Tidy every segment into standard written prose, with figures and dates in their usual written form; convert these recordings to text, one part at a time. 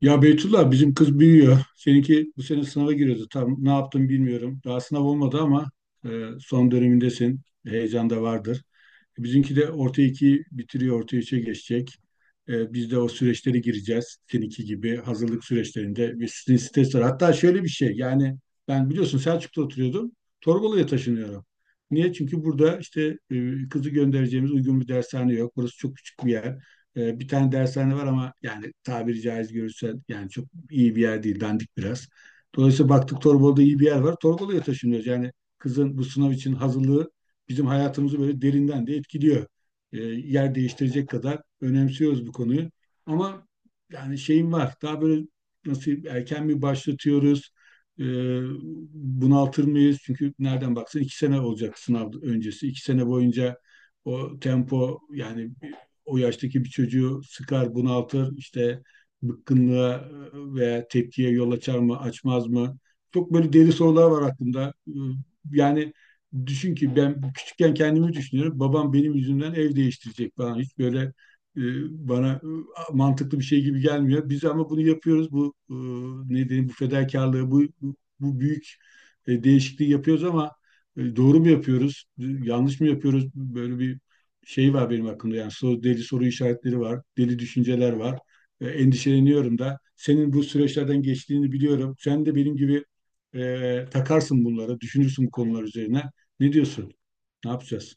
Ya Beytullah, bizim kız büyüyor. Seninki bu sene sınava giriyordu. Tam ne yaptım bilmiyorum. Daha sınav olmadı ama e, son dönemindesin. Heyecan da vardır. Bizimki de orta iki bitiriyor, orta üçe geçecek. Biz de o süreçlere gireceğiz. Seninki gibi hazırlık süreçlerinde bir sizin stres var. Hatta şöyle bir şey, yani ben, biliyorsun, Selçuk'ta oturuyordum. Torbalı'ya taşınıyorum. Niye? Çünkü burada işte kızı göndereceğimiz uygun bir dershane yok. Burası çok küçük bir yer. E, bir tane dershane var ama yani, tabiri caiz görürsen, yani çok iyi bir yer değil, dandik biraz. Dolayısıyla baktık, Torbalı'da iyi bir yer var. Torbalı'ya taşınıyoruz. Yani kızın bu sınav için hazırlığı bizim hayatımızı böyle derinden de etkiliyor. E, yer değiştirecek kadar önemsiyoruz bu konuyu. Ama yani şeyim var. Daha böyle nasıl, erken mi başlatıyoruz? E, bunaltır mıyız? Çünkü nereden baksan iki sene olacak sınav öncesi. İki sene boyunca o tempo, yani o yaştaki bir çocuğu sıkar, bunaltır. İşte bıkkınlığa veya tepkiye yol açar mı, açmaz mı? Çok böyle deli sorular var aklımda. Yani düşün ki, ben küçükken kendimi düşünüyorum. Babam benim yüzümden ev değiştirecek falan. Hiç böyle e, bana mantıklı bir şey gibi gelmiyor. Biz ama bunu yapıyoruz. Bu, ne diyeyim, bu fedakarlığı, bu büyük değişikliği yapıyoruz ama doğru mu yapıyoruz? Yanlış mı yapıyoruz? Böyle bir şey var benim aklımda. Yani soru, deli soru işaretleri var, deli düşünceler var. Endişeleniyorum da. Senin bu süreçlerden geçtiğini biliyorum. Sen de benim gibi takarsın bunlara, düşünürsün bu konular üzerine. Ne diyorsun? Ne yapacağız?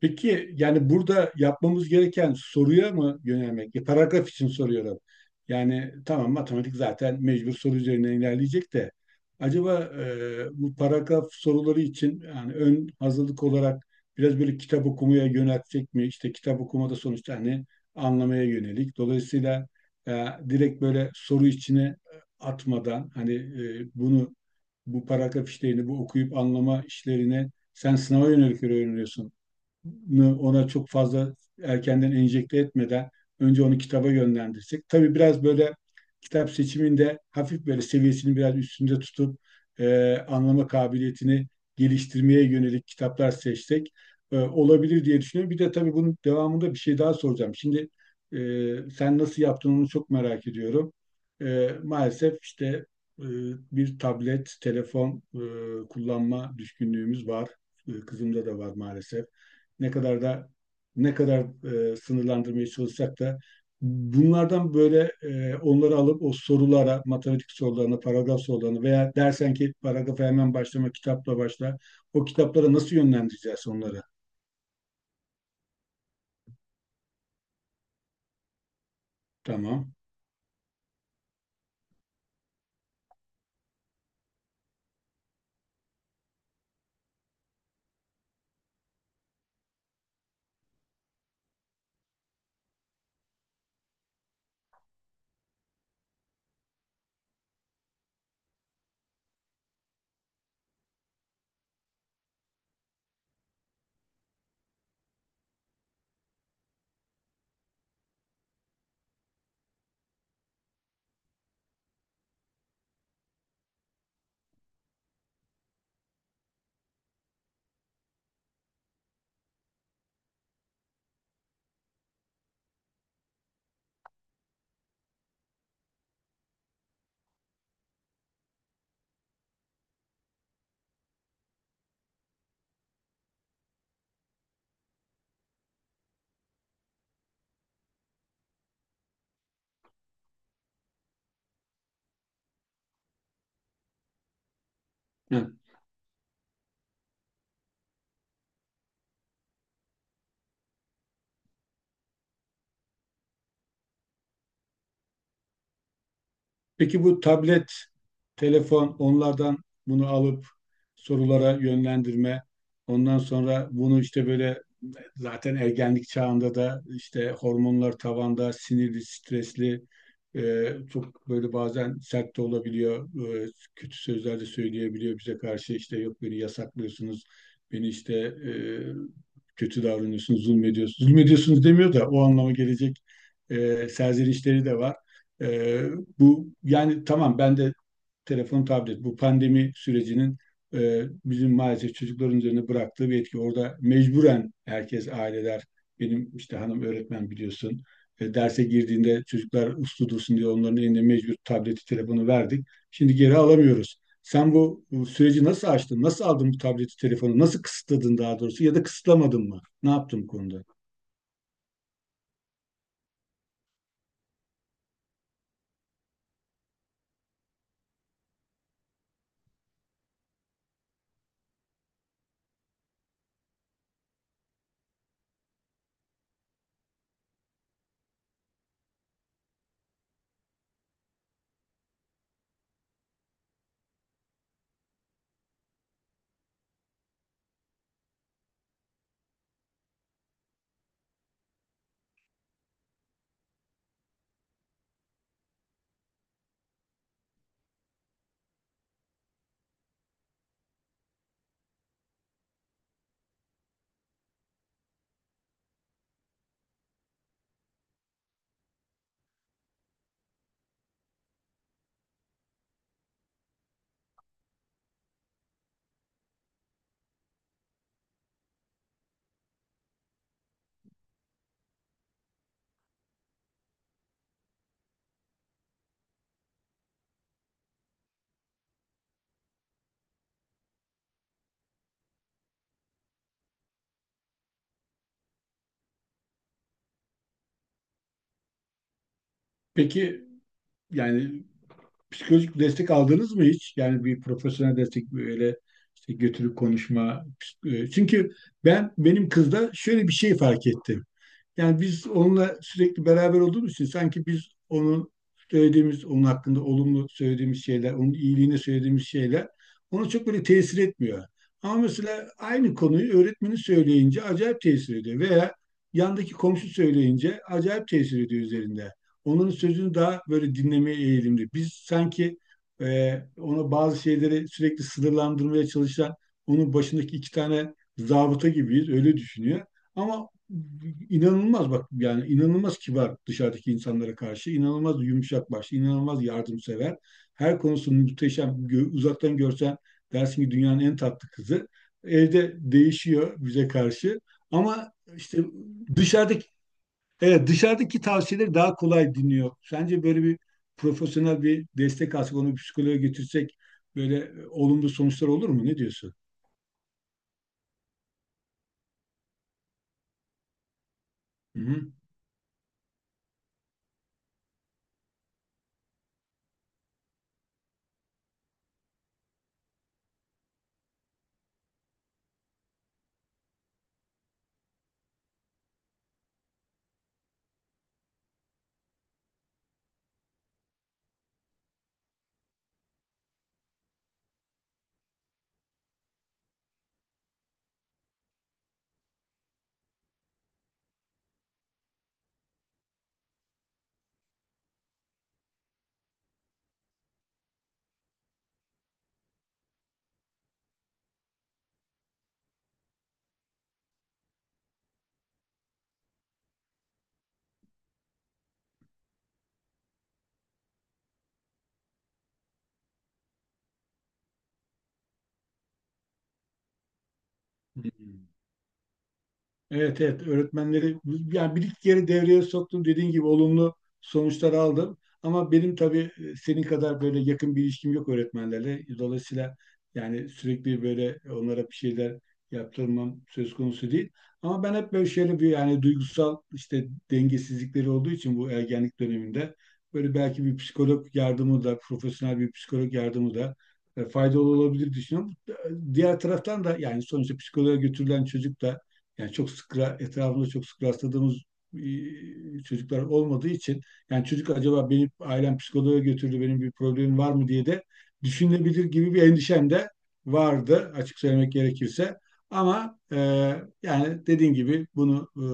Peki, yani burada yapmamız gereken soruya mı yönelmek? E, paragraf için soruyorum. Yani tamam, matematik zaten mecbur soru üzerine ilerleyecek de, acaba bu paragraf soruları için, yani ön hazırlık olarak biraz böyle kitap okumaya yöneltecek mi? İşte kitap okumada sonuçta, hani, anlamaya yönelik. Dolayısıyla direkt böyle soru içine atmadan, hani, e, bunu bu paragraf işlerini, bu okuyup anlama işlerine, sen sınava yönelik öğreniyorsun, ona çok fazla erkenden enjekte etmeden önce onu kitaba yönlendirsek. Tabii biraz böyle kitap seçiminde hafif böyle seviyesini biraz üstünde tutup anlama kabiliyetini geliştirmeye yönelik kitaplar seçsek olabilir diye düşünüyorum. Bir de tabii bunun devamında bir şey daha soracağım. Şimdi, e, sen nasıl yaptın, onu çok merak ediyorum. Maalesef işte e, bir tablet, telefon kullanma düşkünlüğümüz var. Kızımda da var maalesef. Ne kadar da ne kadar e, sınırlandırmaya çalışsak da bunlardan böyle, onları alıp o sorulara, matematik sorularına, paragraf sorularına, veya dersen ki paragrafa hemen başlama, kitapla başla. O kitaplara nasıl yönlendireceğiz onları? Tamam. Ha, peki bu tablet, telefon, onlardan bunu alıp sorulara yönlendirme, ondan sonra bunu işte böyle, zaten ergenlik çağında da işte hormonlar tavanda, sinirli, stresli, e, çok böyle bazen sert de olabiliyor, kötü sözler de söyleyebiliyor bize karşı, işte "yok beni yasaklıyorsunuz, beni işte kötü davranıyorsunuz, zulmediyorsunuz". Zulmediyorsunuz demiyor da o anlama gelecek serzenişleri de var. Ee, bu yani, tamam ben de telefon, tablet, bu pandemi sürecinin bizim maalesef çocukların üzerine bıraktığı bir etki. Orada mecburen herkes, aileler, benim işte hanım öğretmen, biliyorsun, E, derse girdiğinde çocuklar uslu dursun diye onların eline mecbur tableti telefonu verdik. Şimdi geri alamıyoruz. Sen bu süreci nasıl açtın? Nasıl aldın bu tableti telefonu? Nasıl kısıtladın, daha doğrusu, ya da kısıtlamadın mı? Ne yaptın bu konuda? Peki, yani psikolojik destek aldınız mı hiç? Yani bir profesyonel destek, böyle işte götürüp konuşma. Çünkü ben, benim kızda şöyle bir şey fark ettim. Yani biz onunla sürekli beraber olduğumuz için, sanki biz onun söylediğimiz, onun hakkında olumlu söylediğimiz şeyler, onun iyiliğine söylediğimiz şeyler ona çok böyle tesir etmiyor. Ama mesela aynı konuyu öğretmeni söyleyince acayip tesir ediyor, veya yandaki komşu söyleyince acayip tesir ediyor üzerinde. Onun sözünü daha böyle dinlemeye eğilimli. Biz sanki ona bazı şeyleri sürekli sınırlandırmaya çalışan, onun başındaki iki tane zabıta gibiyiz, öyle düşünüyor. Ama inanılmaz, bak, yani inanılmaz kibar dışarıdaki insanlara karşı, inanılmaz yumuşak başlı, inanılmaz yardımsever. Her konusunda muhteşem. Uzaktan görsen dersin ki dünyanın en tatlı kızı. Evde değişiyor bize karşı. Ama işte dışarıdaki, evet, dışarıdaki tavsiyeleri daha kolay dinliyor. Sence böyle bir profesyonel bir destek alsak, onu bir psikoloğa götürsek, böyle olumlu sonuçlar olur mu? Ne diyorsun? Hı hı. Evet, evet, öğretmenleri, yani bir iki kere devreye soktum, dediğin gibi olumlu sonuçlar aldım. Ama benim tabii senin kadar böyle yakın bir ilişkim yok öğretmenlerle. Dolayısıyla yani sürekli böyle onlara bir şeyler yaptırmam söz konusu değil. Ama ben hep böyle şöyle bir, yani duygusal işte dengesizlikleri olduğu için bu ergenlik döneminde, böyle belki bir psikolog yardımı da, profesyonel bir psikolog yardımı da faydalı olabilir düşünüyorum. Diğer taraftan da, yani sonuçta psikoloğa götürülen çocuk da, yani çok sık etrafımızda çok sık rastladığımız çocuklar olmadığı için, yani çocuk "acaba benim ailem psikoloğa götürdü, benim bir problemim var mı" diye de düşünebilir gibi bir endişem de vardı, açık söylemek gerekirse. Ama yani dediğin gibi bunu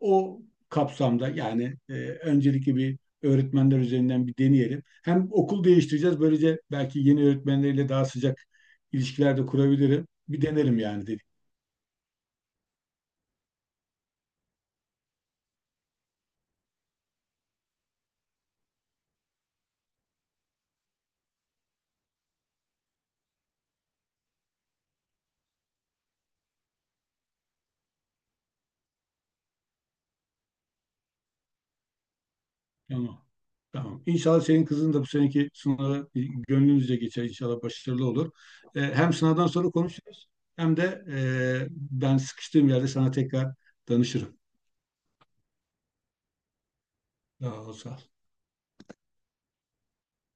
o kapsamda, yani öncelikli bir öğretmenler üzerinden bir deneyelim. Hem okul değiştireceğiz, böylece belki yeni öğretmenleriyle daha sıcak ilişkiler de kurabilirim. Bir denerim yani dedik. Tamam. Tamam. İnşallah senin kızın da bu seneki sınava gönlünüzce geçer. İnşallah başarılı olur. Hem sınavdan sonra konuşuruz, hem de ben sıkıştığım yerde sana tekrar danışırım. Sağ ol, sağ ol.